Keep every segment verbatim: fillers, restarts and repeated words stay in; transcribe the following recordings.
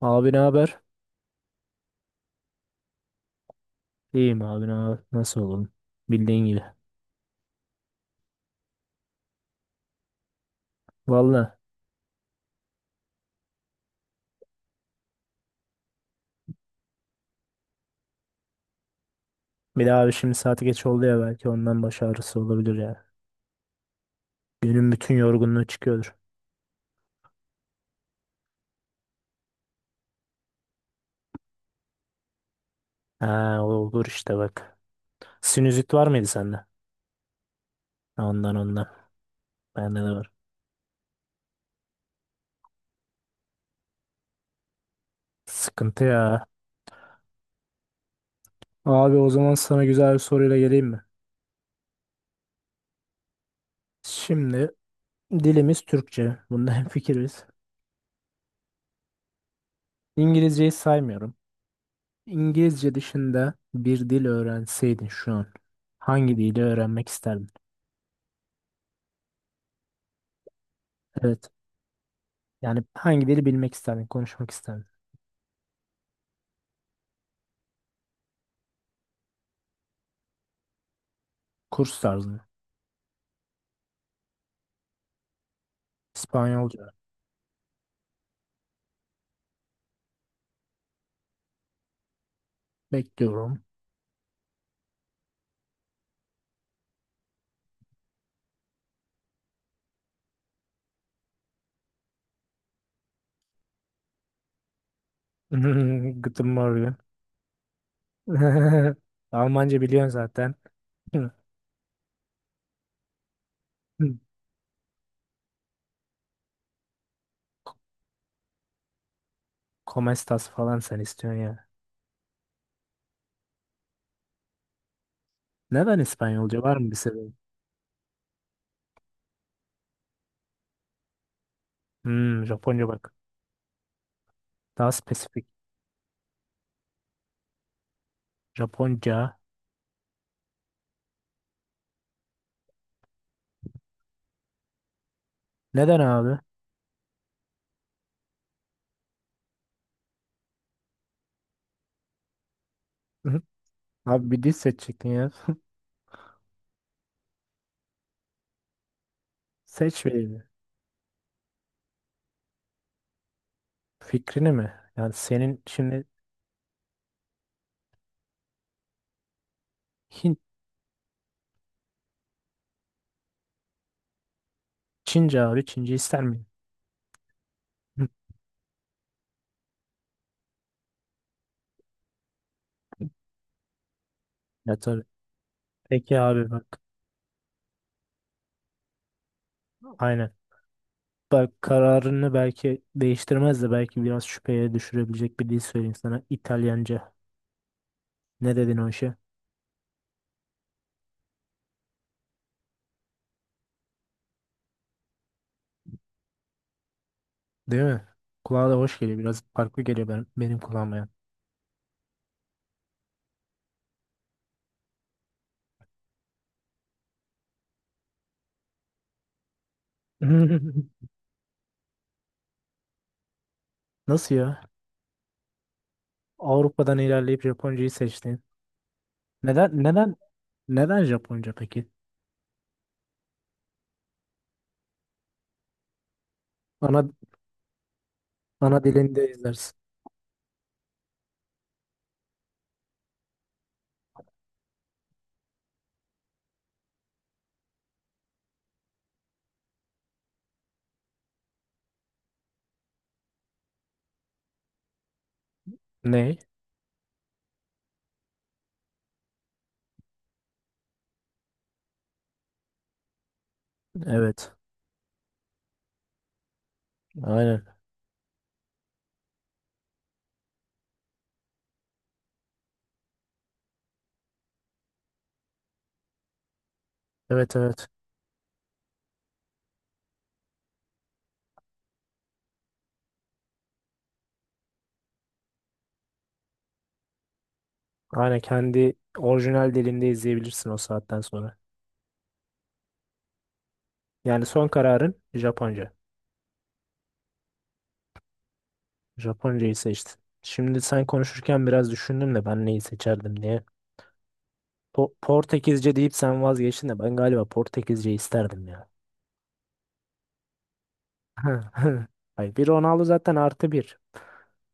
Abi ne haber? İyiyim abi, ne haber? Nasıl olalım? Bildiğin gibi. Valla bir daha abi, şimdi saati geç oldu ya, belki ondan baş ağrısı olabilir ya. Günün bütün yorgunluğu çıkıyordur. Ha, olur işte bak. Sinüzit var mıydı sende? Ondan ondan. Bende de var. Sıkıntı ya. Abi, o zaman sana güzel bir soruyla geleyim mi? Şimdi dilimiz Türkçe. Bunda hemfikiriz. İngilizceyi saymıyorum. İngilizce dışında bir dil öğrenseydin şu an hangi dili öğrenmek isterdin? Evet. Yani hangi dili bilmek isterdin, konuşmak isterdin? Kurs tarzı mı? İspanyolca. Bekliyorum. Guten Morgen. Almanca biliyorsun zaten. Hı. Hı. Como estas falan sen istiyorsun ya. Neden İspanyolca? Var mı bir sebebi? Hmm, Japonca bak. Daha spesifik. Japonca. Neden abi? Hı. Abi bir dil seçecektin ya. Seç birini. Fikrini mi? Yani senin şimdi Hint, Çince abi. Çince ister miydin? Hı. Ya tabii. Peki abi bak. Aynen. Bak, kararını belki değiştirmez de belki biraz şüpheye düşürebilecek bir dil söyleyeyim sana. İtalyanca. Ne dedin o işe? Değil mi? Kulağa da hoş geliyor. Biraz farklı geliyor ben, benim kulağıma. Yani. Nasıl ya? Avrupa'dan ilerleyip Japoncayı seçtin. Neden neden neden Japonca peki? Ana ana dilinde izlersin. Ne? Evet. Aynen. Evet, evet. Aynen, kendi orijinal dilinde izleyebilirsin o saatten sonra. Yani son kararın Japonca. Japoncayı seçtin. Şimdi sen konuşurken biraz düşündüm de ben neyi seçerdim diye. Po- Portekizce deyip sen vazgeçtin de ben galiba Portekizce isterdim ya. Hayır, bir Ronaldo zaten artı bir.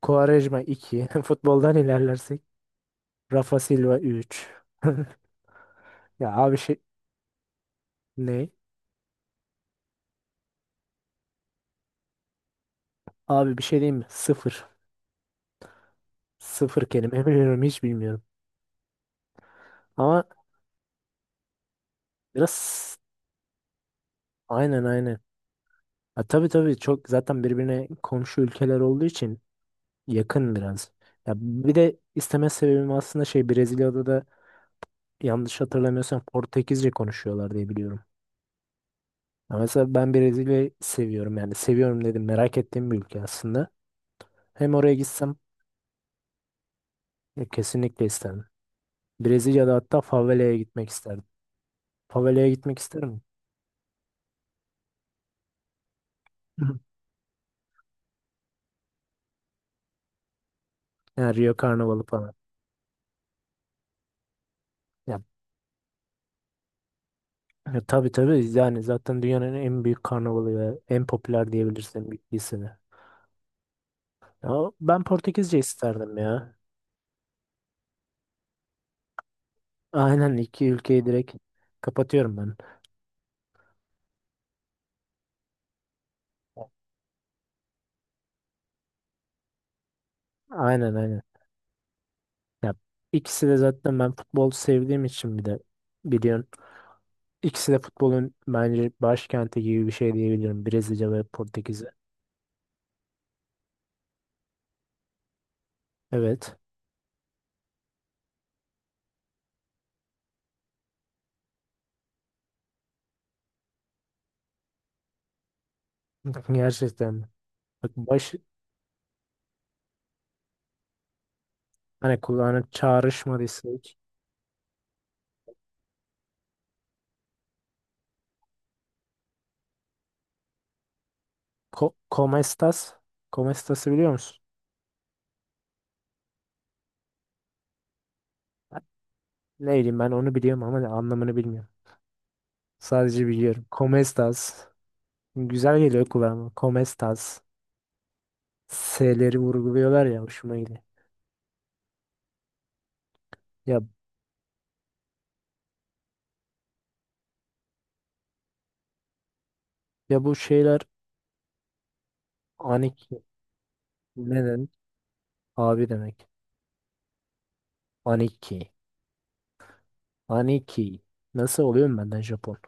Quaresma iki. Futboldan ilerlersek. Rafa Silva üç. Ya abi şey, ne? Abi bir şey diyeyim mi? Sıfır. Sıfır kelime biliyorum, hiç bilmiyorum. Ama biraz, aynen aynen. Ha, tabii tabii, çok zaten birbirine komşu ülkeler olduğu için yakın biraz. Ya bir de isteme sebebim aslında şey, Brezilya'da da, yanlış hatırlamıyorsam, Portekizce konuşuyorlar diye biliyorum. Ya mesela ben Brezilya'yı seviyorum, yani seviyorum dedim, merak ettiğim bir ülke aslında. Hem oraya gitsem ya kesinlikle isterdim. Brezilya'da hatta favelaya gitmek isterdim. Favelaya gitmek isterim. Yani Rio Karnavalı falan. Ya, ya tabii tabii, yani zaten dünyanın en büyük karnavalı ve en popüler diyebilirsin büyük lisede. Ya ben Portekizce isterdim ya. Aynen, iki ülkeyi direkt kapatıyorum ben. Aynen aynen. Ya ikisi de, zaten ben futbol sevdiğim için bir de biliyorsun. İkisi de futbolun bence başkenti gibi bir şey diyebilirim. Brezilya ve Portekiz'e. Evet. Gerçekten. Bak baş, hani kulağını çağrışmadıysa hiç. Ko Como estas? Como estas'ı biliyor musun? Ha, ne bileyim, ben onu biliyorum ama anlamını bilmiyorum. Sadece biliyorum. Como estas? Güzel geliyor kulağıma. Como estas? S'leri vurguluyorlar ya, hoşuma gidiyor. Ya ya bu şeyler, aniki ne demek? Abi demek. Aniki. Aniki. Nasıl oluyorum benden Japon?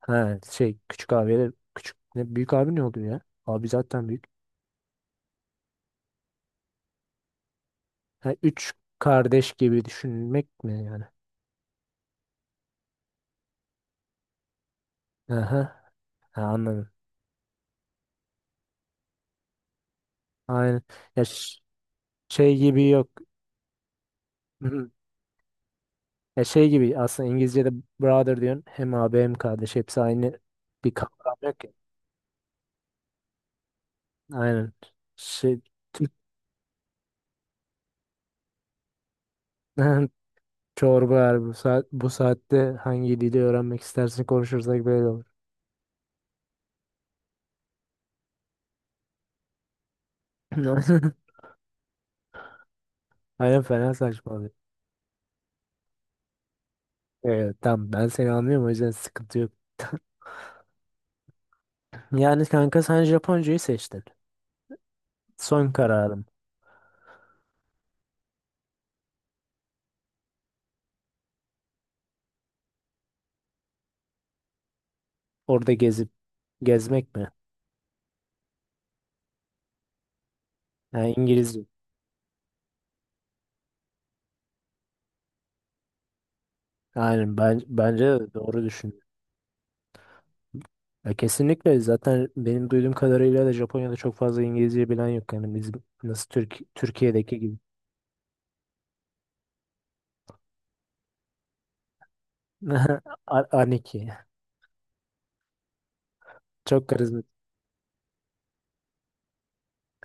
Ha şey, küçük abiye, küçük ne, büyük abi ne oluyor ya? Abi zaten büyük. Ha, üç kardeş gibi düşünmek mi yani? Aha. Ha, anladım. Aynen. Ya ş- Şey gibi yok. Hı. Ya şey gibi aslında İngilizce'de brother diyorsun. Hem abi hem kardeş, hepsi aynı, bir kavram yok ya. Aynen. Şey, çorba yani, bu saat, bu saatte hangi dili öğrenmek istersin konuşursak böyle olur. Aynen, fena saçmalıyor. Evet tamam, ben seni anlıyorum, o yüzden sıkıntı yok. Yani kanka sen Japoncayı seçtin. Son kararım. Orada gezip gezmek mi? Yani İngilizce. Aynen, ben bence de doğru düşündün. Ya kesinlikle, zaten benim duyduğum kadarıyla da Japonya'da çok fazla İngilizce bilen yok. Yani biz nasıl Türk, Türkiye'deki gibi. A- Aniki. Çok karizma.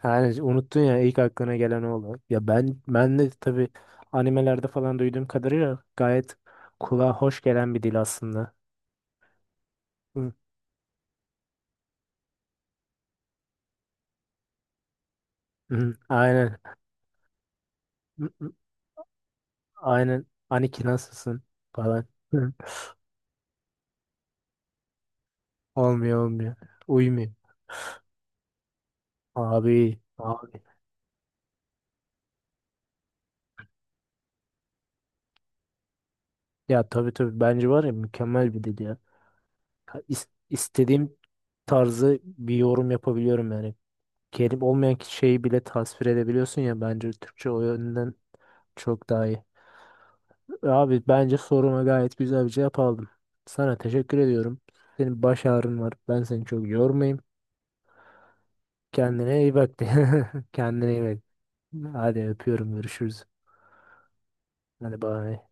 Yani unuttun ya, ilk aklına gelen o oldu. Ya ben, ben de tabii animelerde falan duyduğum kadarıyla gayet kulağa hoş gelen bir dil aslında. Hı, hı, aynen. Hı, hı, aynen. Aniki nasılsın falan. Hı. Olmuyor olmuyor. Uymuyor. Abi abi. Ya tabii tabii, bence var ya, mükemmel bir dil ya. Ya is- istediğim tarzı bir yorum yapabiliyorum yani. Kelime olmayan şeyi bile tasvir edebiliyorsun ya, bence Türkçe o yönden çok daha iyi. Abi bence soruma gayet güzel bir cevap aldım. Sana teşekkür ediyorum. Senin baş ağrın var. Ben seni çok yormayayım. Kendine iyi bak. Kendine iyi bak. Hadi öpüyorum. Görüşürüz. Hadi bye.